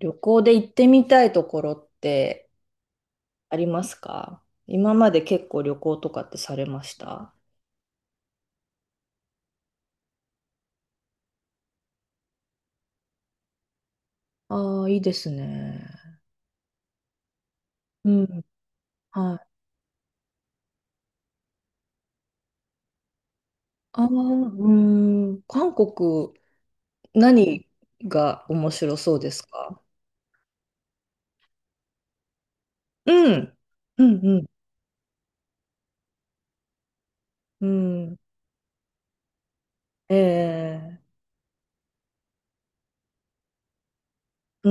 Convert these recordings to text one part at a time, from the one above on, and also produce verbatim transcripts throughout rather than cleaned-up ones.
旅行で行ってみたいところってありますか？今まで結構旅行とかってされました？ああ、いいですね。うん。はい。ああ、うん、韓国、何が面白そうですか？うん、うんうん、ええ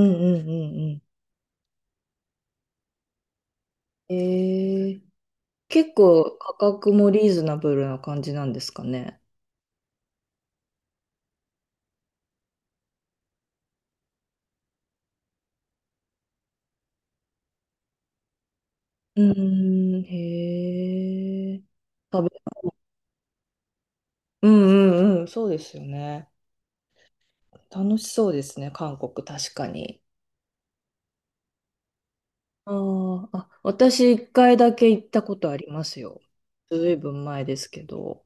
うん。ええうんうんうんうん。ええ、結構価格もリーズナブルな感じなんですかね。うーん、へえ。うんうんうん、そうですよね。楽しそうですね、韓国、確かに。あーあ、私一回だけ行ったことありますよ。ずいぶん前ですけど。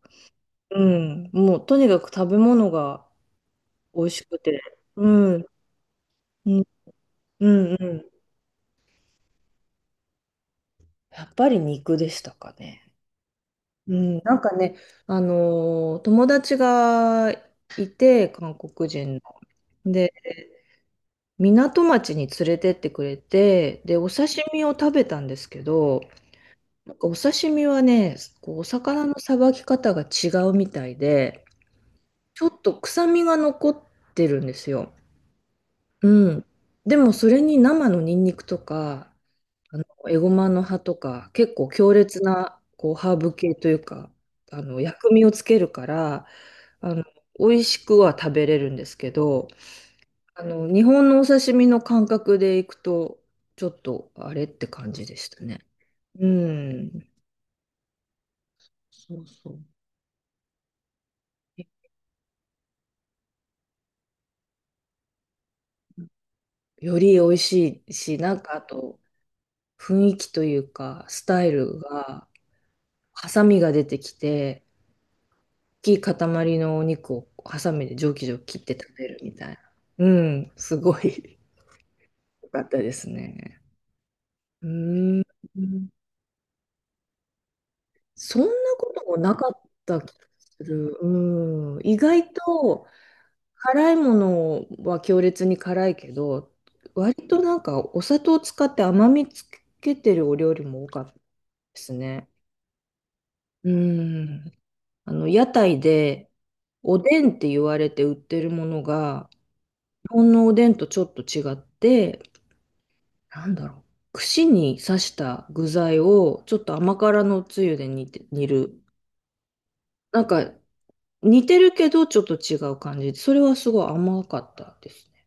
うん、もうとにかく食べ物が美味しくて。うん、うん、うんうん。やっぱり肉でしたかね。うん、なんかね、あのー友達がいて、韓国人の。で、港町に連れてってくれて、で、お刺身を食べたんですけど、なんかお刺身はね、こうお魚のさばき方が違うみたいで、ちょっと臭みが残ってるんですよ。うん。でもそれに生のニンニクとか、あのエゴマの葉とか、結構強烈なこうハーブ系というか、あの薬味をつけるから、あの美味しくは食べれるんですけど、あの日本のお刺身の感覚でいくと、ちょっとあれって感じでしたね。うん。そうそう。より美味しいし、なんかあと雰囲気というか、スタイルが、ハサミが出てきて、大きい塊のお肉をハサミでジョキジョキ切って食べるみたいな。うん、すごい 良かったですね。うーん、そんなこともなかった気がする。うん、意外と辛いものは強烈に辛いけど、割となんかお砂糖を使って甘みつけてるお料理も多かったですね。うん。あの、屋台で、おでんって言われて売ってるものが、日本のおでんとちょっと違って、なんだろう。串に刺した具材を、ちょっと甘辛のつゆで煮て、煮る。なんか、似てるけど、ちょっと違う感じで、それはすごい甘かったですね。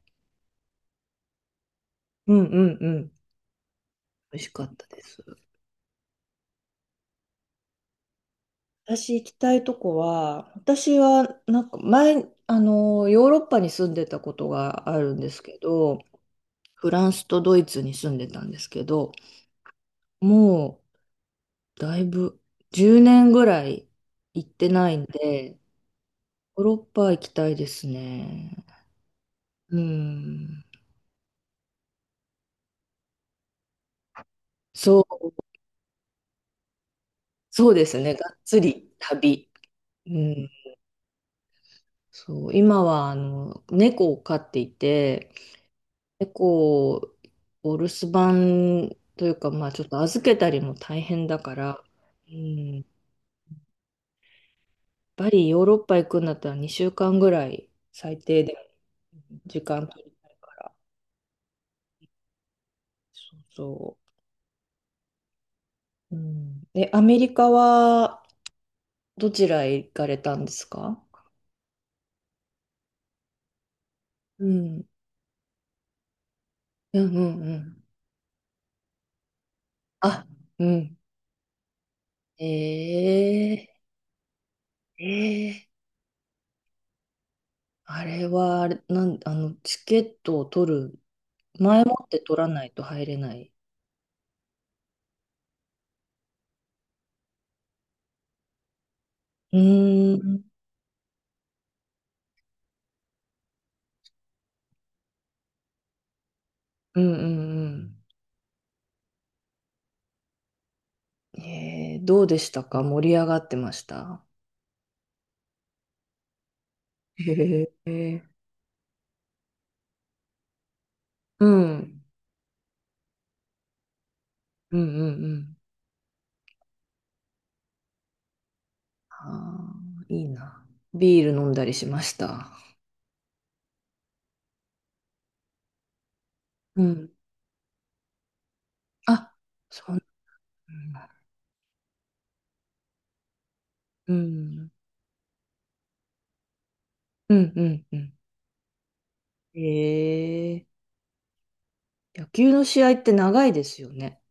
うんうんうん。美味しかったです。私行きたいとこは、私はなんか前、あの、ヨーロッパに住んでたことがあるんですけど、フランスとドイツに住んでたんですけど、もうだいぶじゅうねんぐらい行ってないんで、ヨーロッパ行きたいですね。うん。そう、そうですね。がっつり旅。うん。そう、今はあの猫を飼っていて、猫をお留守番というか、まあちょっと預けたりも大変だから、うん、やっぱりヨーロッパ行くんだったらにしゅうかんぐらい最低で時間取りたいから。そうそう。うん。え、アメリカはどちらへ行かれたんですか？うん。うんうんうん。あ、うん。ええええあれは、あれ、なん、あの、チケットを取る、前もって取らないと入れない。うーん。うんうんうん。ええ、どうでしたか？盛り上がってました？へえ、うん。うんうんうん。あーいいな。ビール飲んだりしました。うん。あ、そうなんだ。うん。うん、うん、うん。ええ、野球の試合って長いですよね。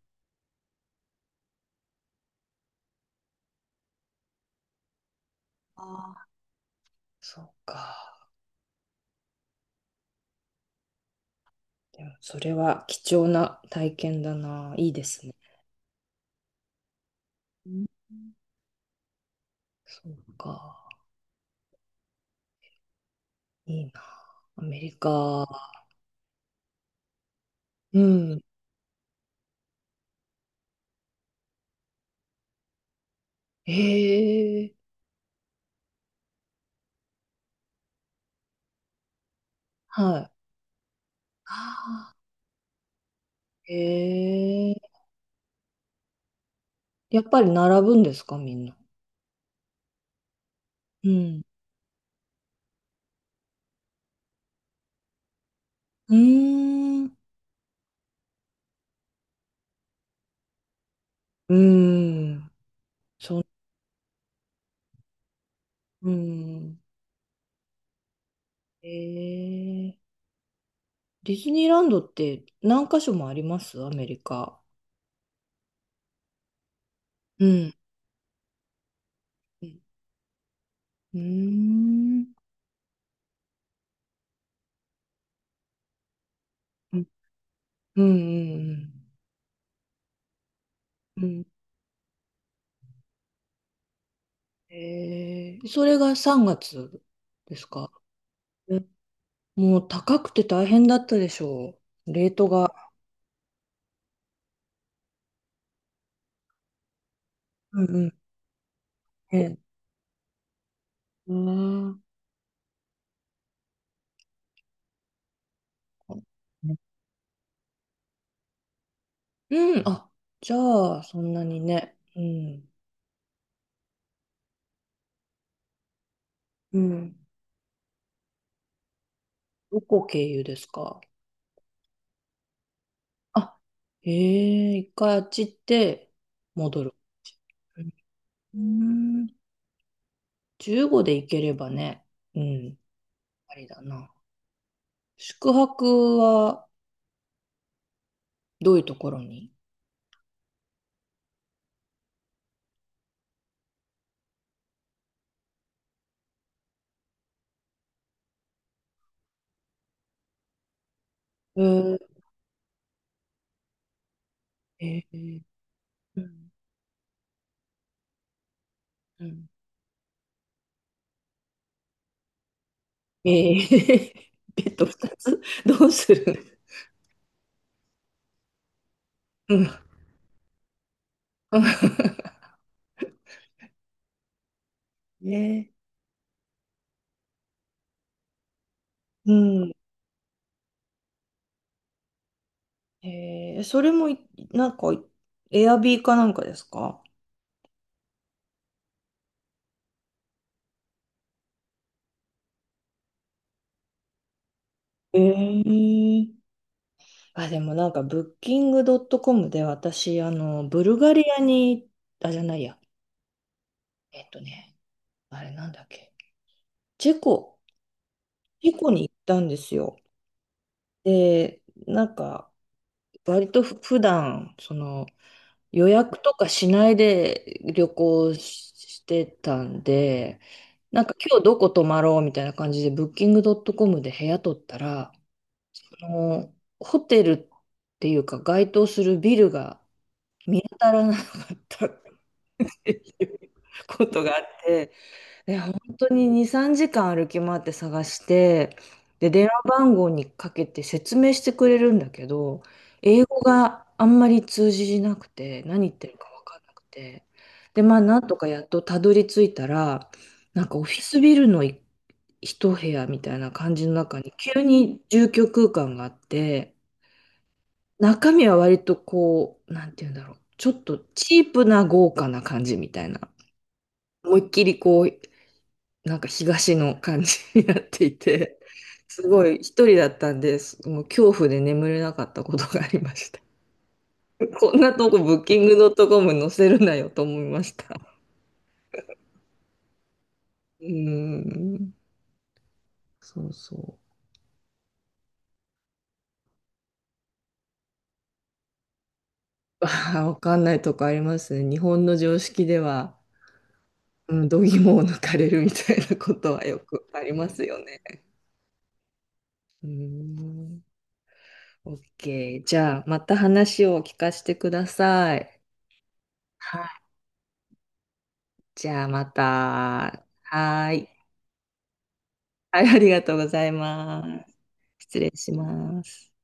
ああ、そうか。でも、それは貴重な体験だな。いいですね。うん、そうか。いいな。アメリカ。うん。ええ、はい。あーええ、やっぱり並ぶんですか、みんな。うん。うーん。うーん。うーん。えー、ディズニーランドって何箇所もありますアメリカ？うん。うん。うーん。うんうんうん。うん、えー、それがさんがつですか？うん、もう高くて大変だったでしょう。レートが。うんうん。ええ、うんうん。あ、じゃあ、そんなにね。うん。うん。どこ経由ですか？あ、へえ、一回あっち行って戻る。うん、じゅうごで行ければね、うん、ありだな。宿泊はどういうところに？えー、えー、うん、うん。えー、ベッドふたつどうする？うん。ね、うん。えー、それもい、なんか、エアビーかなんかですか？えー、あ、でもなんか、ブッキングドットコムで私、あの、ブルガリアに、あ、じゃないや。えっとね、あれなんだっけ。チェコ、チェコに行ったんですよ。で、なんか、割とふ普段、その、予約とかしないで旅行ししてたんで、なんか今日どこ泊まろうみたいな感じで、ブッキングドットコムで部屋取ったら、その、ホテルっていうか、該当するビルが見当たらなかったことがあって、で、本当にに、さんじかん歩き回って探して、で、電話番号にかけて説明してくれるんだけど、英語があんまり通じなくて、何言ってるか分かんなくて、で、まあ、なんとかやっとたどり着いたら、なんかオフィスビルのい一部屋みたいな感じの中に急に住居空間があって、中身は割とこう、なんて言うんだろう、ちょっとチープな豪華な感じみたいな。思いっきりこう、なんか東の感じになっていて、すごい一人だったんです。もう恐怖で眠れなかったことがありました。こんなとこブッキングドットコム載せるなよと思いました。うーん、そうそう。ああ、わかんないとこありますね。日本の常識では、うん、度肝を抜かれるみたいなことはよくありますよね。うーん、OK。じゃあ、また話を聞かせてください。はい、じゃあまた。はーい。はい、ありがとうございます。失礼します。